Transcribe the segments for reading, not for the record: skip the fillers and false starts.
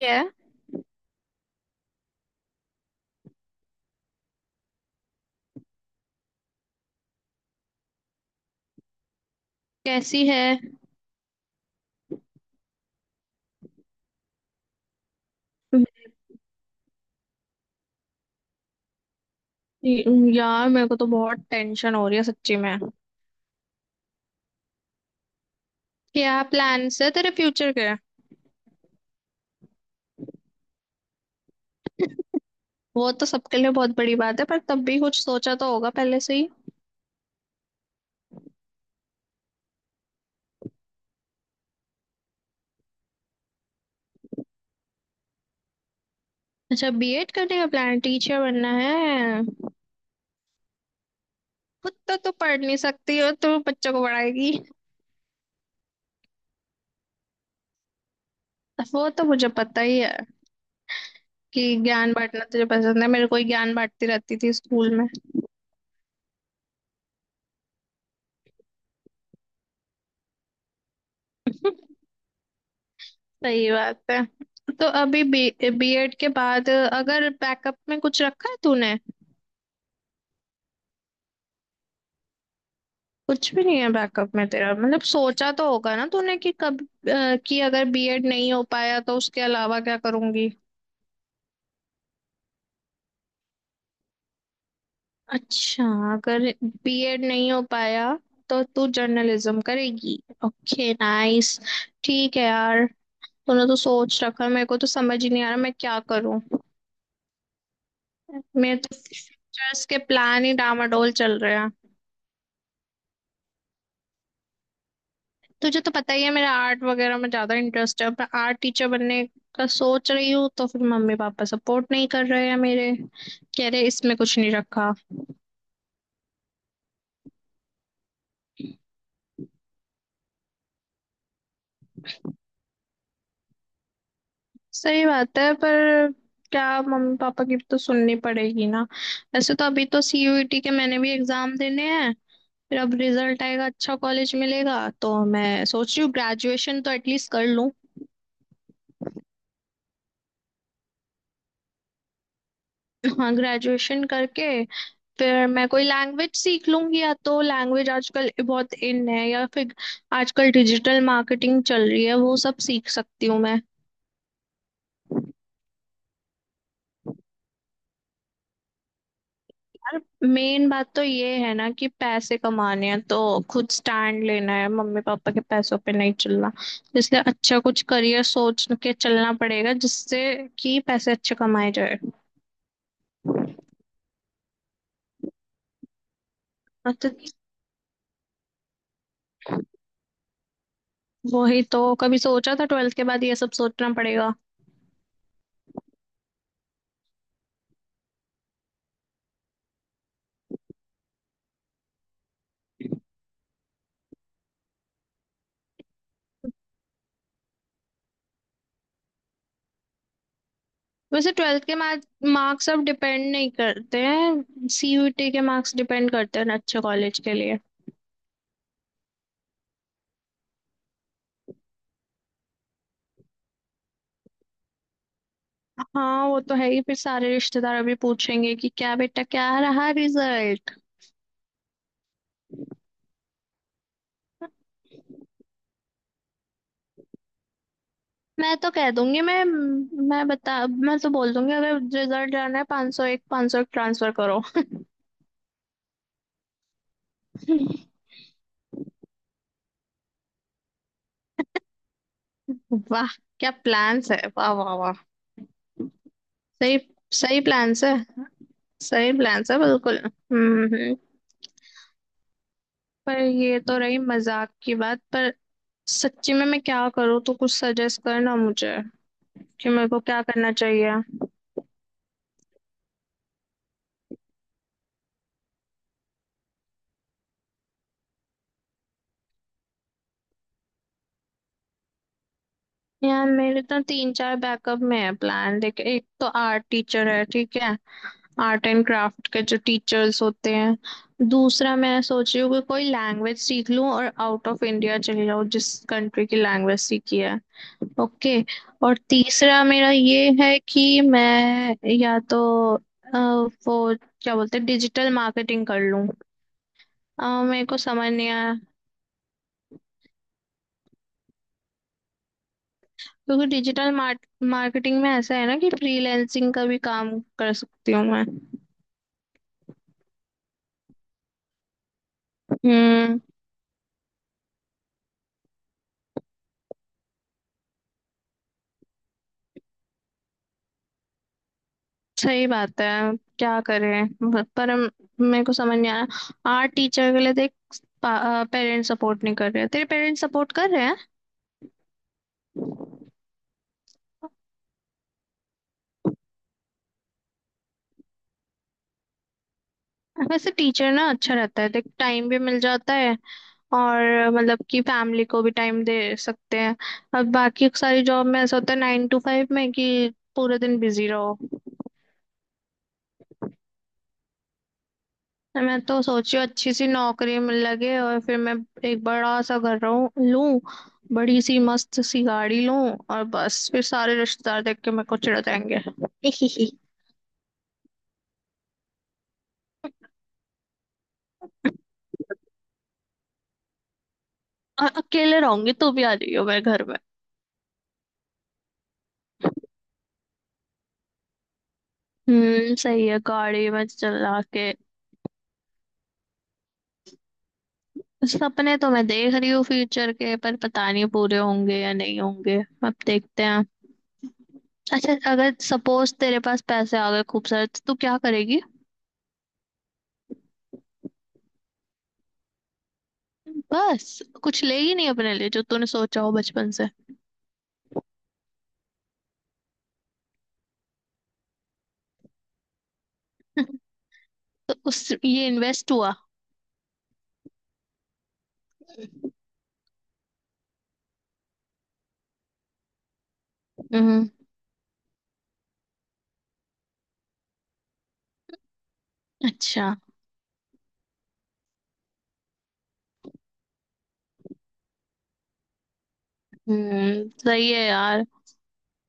क्या है? कैसी है? जी, यार मेरे को तो बहुत टेंशन हो रही है सच्ची में। क्या प्लान्स है तेरे फ्यूचर के? वो तो सबके लिए बहुत बड़ी बात है, पर तब भी कुछ सोचा तो होगा पहले से ही। अच्छा, बीएड करने का प्लान? टीचर बनना है? खुद तो तू पढ़ नहीं सकती और तू बच्चों को पढ़ाएगी। वो तो मुझे पता ही है कि ज्ञान बांटना तुझे पसंद है। मेरे को ही ज्ञान बांटती रहती थी स्कूल में। सही बात है। तो अभी बी बीएड के बाद अगर बैकअप में कुछ रखा है तूने? कुछ भी नहीं है बैकअप में तेरा? मतलब सोचा तो होगा ना तूने कि कब, कि अगर बीएड नहीं हो पाया तो उसके अलावा क्या करूंगी। अच्छा। अगर बीएड नहीं हो पाया तो तू जर्नलिज्म करेगी। Okay, nice. ठीक है यार। तूने तो सोच रखा है, मेरे को तो समझ ही नहीं आ रहा मैं क्या करूं। मेरे तो फ्यूचर्स के प्लान ही डामाडोल चल रहे हैं। तुझे तो पता ही है मेरा आर्ट वगैरह में ज्यादा इंटरेस्ट है। अब मैं आर्ट टीचर बनने का सोच रही हूँ, तो फिर मम्मी पापा सपोर्ट नहीं कर रहे हैं मेरे। कह रहे इसमें कुछ नहीं रखा। सही बात है, पर क्या, मम्मी पापा की भी तो सुननी पड़ेगी ना। वैसे तो अभी तो सीयूईटी के मैंने भी एग्जाम देने हैं। फिर अब रिजल्ट आएगा, अच्छा कॉलेज मिलेगा, तो मैं सोच रही हूँ ग्रेजुएशन तो एटलीस्ट कर लूँ। हाँ, ग्रेजुएशन करके फिर मैं कोई लैंग्वेज सीख लूंगी। या तो लैंग्वेज आजकल बहुत इन है, या फिर आजकल डिजिटल मार्केटिंग चल रही है, वो सब सीख सकती हूँ मैं। यार, मेन बात तो ये है ना कि पैसे कमाने हैं, तो खुद स्टैंड लेना है। मम्मी पापा के पैसों पे नहीं चलना। इसलिए अच्छा कुछ करियर सोच के चलना पड़ेगा, जिससे कि पैसे अच्छे कमाए जाए। हाँ, तो वही तो, कभी सोचा था ट्वेल्थ के बाद ये सब सोचना पड़ेगा। वैसे ट्वेल्थ के मार्क्स अब डिपेंड नहीं करते हैं, सीयूईटी के मार्क्स डिपेंड करते हैं अच्छे कॉलेज के लिए। हाँ, वो तो है ही। फिर सारे रिश्तेदार अभी पूछेंगे कि क्या बेटा, क्या रहा रिजल्ट। मैं तो कह दूंगी, मैं बता, मैं तो बोल दूंगी अगर रिजल्ट जाना है, 501, 501 ट्रांसफर करो। वाह, क्या प्लान्स है! वाह वाह वाह। सही, सही प्लान्स है। सही प्लान्स है बिल्कुल। पर ये तो रही मजाक की बात। पर सच्ची में मैं क्या करूँ? तो कुछ सजेस्ट करना मुझे कि मेरे को क्या करना चाहिए। यार, मेरे तो तीन चार बैकअप में है प्लान, देख। एक तो आर्ट टीचर है, ठीक है, आर्ट एंड क्राफ्ट के जो टीचर्स होते हैं। दूसरा, मैं सोच रही हूँ कि कोई लैंग्वेज सीख लूँ और आउट ऑफ इंडिया चली जाऊँ, जिस कंट्री की लैंग्वेज सीखी है। ओके। और तीसरा मेरा ये है कि मैं या तो अ, वो, क्या बोलते हैं, डिजिटल मार्केटिंग कर लूँ। मेरे को समझ नहीं आया, क्योंकि डिजिटल मार्केटिंग में ऐसा है ना कि फ्रीलैंसिंग का भी काम कर सकती हूँ मैं। हम्म, सही बात है। क्या करें, पर मेरे को समझ नहीं आया। आर्ट टीचर के लिए देख, पेरेंट्स सपोर्ट नहीं कर रहे। तेरे पेरेंट्स सपोर्ट कर रहे हैं। वैसे टीचर ना अच्छा रहता है, देख। टाइम भी मिल जाता है और मतलब कि फैमिली को भी टाइम दे सकते हैं। अब बाकी सारी जॉब में ऐसा होता है, नाइन टू फाइव में कि पूरे दिन बिजी रहो। मैं तो सोची हूँ अच्छी सी नौकरी मिल लगे, और फिर मैं एक बड़ा सा घर रहूं लूं, बड़ी सी मस्त सी गाड़ी लूं। और बस फिर सारे रिश्तेदार देख के मेरे को चिढ़ जाएंगे। और अकेले रहूंगी, तू भी आ जाइयो मेरे घर में। हम्म, सही है, गाड़ी में चला के। सपने तो मैं देख रही हूँ फ्यूचर के, पर पता नहीं पूरे होंगे या नहीं होंगे। अब देखते हैं। अच्छा, अगर सपोज तेरे पास पैसे आ गए खूब सारे, तो तू क्या करेगी? बस? कुछ लेगी नहीं अपने लिए जो तूने सोचा हो बचपन से? तो उस, ये इन्वेस्ट हुआ? हम्म। अच्छा। हम्म, सही है यार।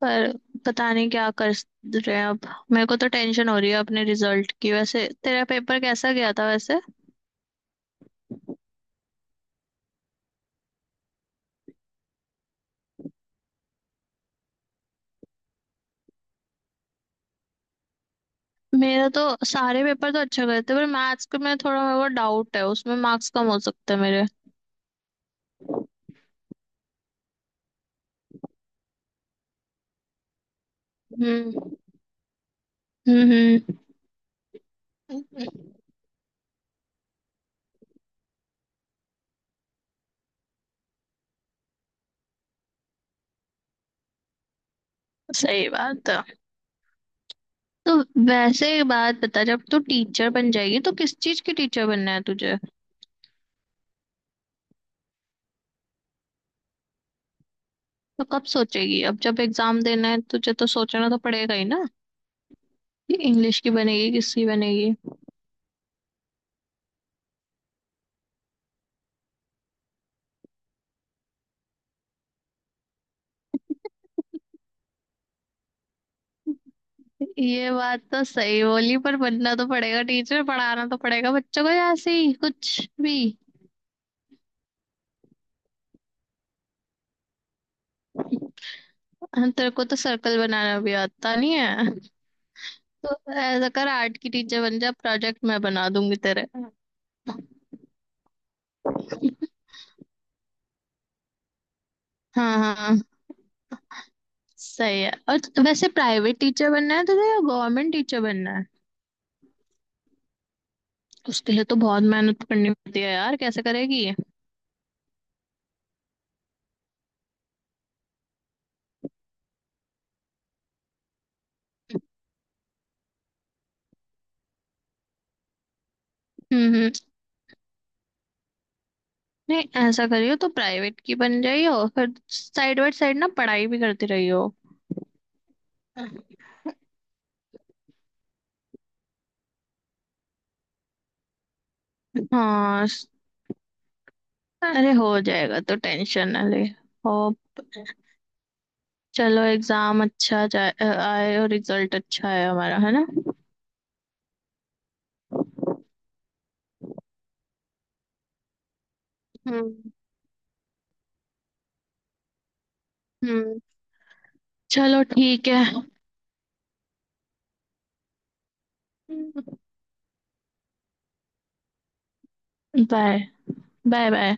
पर पता नहीं क्या कर रहे हैं अब। मेरे को तो टेंशन हो रही है अपने रिजल्ट की। वैसे तेरा पेपर कैसा गया था, वैसे? मेरा तो सारे पेपर तो अच्छा गए थे, पर मैथ्स के में थोड़ा मेरे को डाउट है, उसमें मार्क्स कम हो सकते हैं मेरे। हम्म। हम्म। हम्म, सही बात है तो। वैसे एक बात बता, जब तू टीचर बन जाएगी तो किस चीज की टीचर बनना है तुझे? तो कब सोचेगी? अब जब एग्जाम देना है तुझे, तो सोचना तो पड़ेगा ही ना। ये इंग्लिश की बनेगी, किसकी बनेगी? ये बात तो सही बोली, पर बनना तो पड़ेगा टीचर, पढ़ाना तो पड़ेगा बच्चों को ऐसे ही कुछ भी। हम, तेरे को तो सर्कल बनाना भी आता नहीं है, तो ऐसा कर, आर्ट की टीचर बन जा, प्रोजेक्ट मैं बना दूंगी तेरे। हाँ हाँ हाँ, सही है। और वैसे प्राइवेट टीचर बनना है तुझे या गवर्नमेंट टीचर बनना है? उसके लिए तो बहुत मेहनत करनी पड़ती है यार, कैसे करेगी? हम्म। हम्म। नहीं, ऐसा करियो, तो प्राइवेट की बन जाइयो, फिर साइड बाय साइड ना पढ़ाई भी करती रहियो। हाँ, अरे हो जाएगा, तो टेंशन ना ले। हो, चलो, एग्जाम अच्छा जाए, आए और रिजल्ट अच्छा आए हमारा, है ना? हम्म। हम्म। चलो, ठीक है। बाय। Bye bye.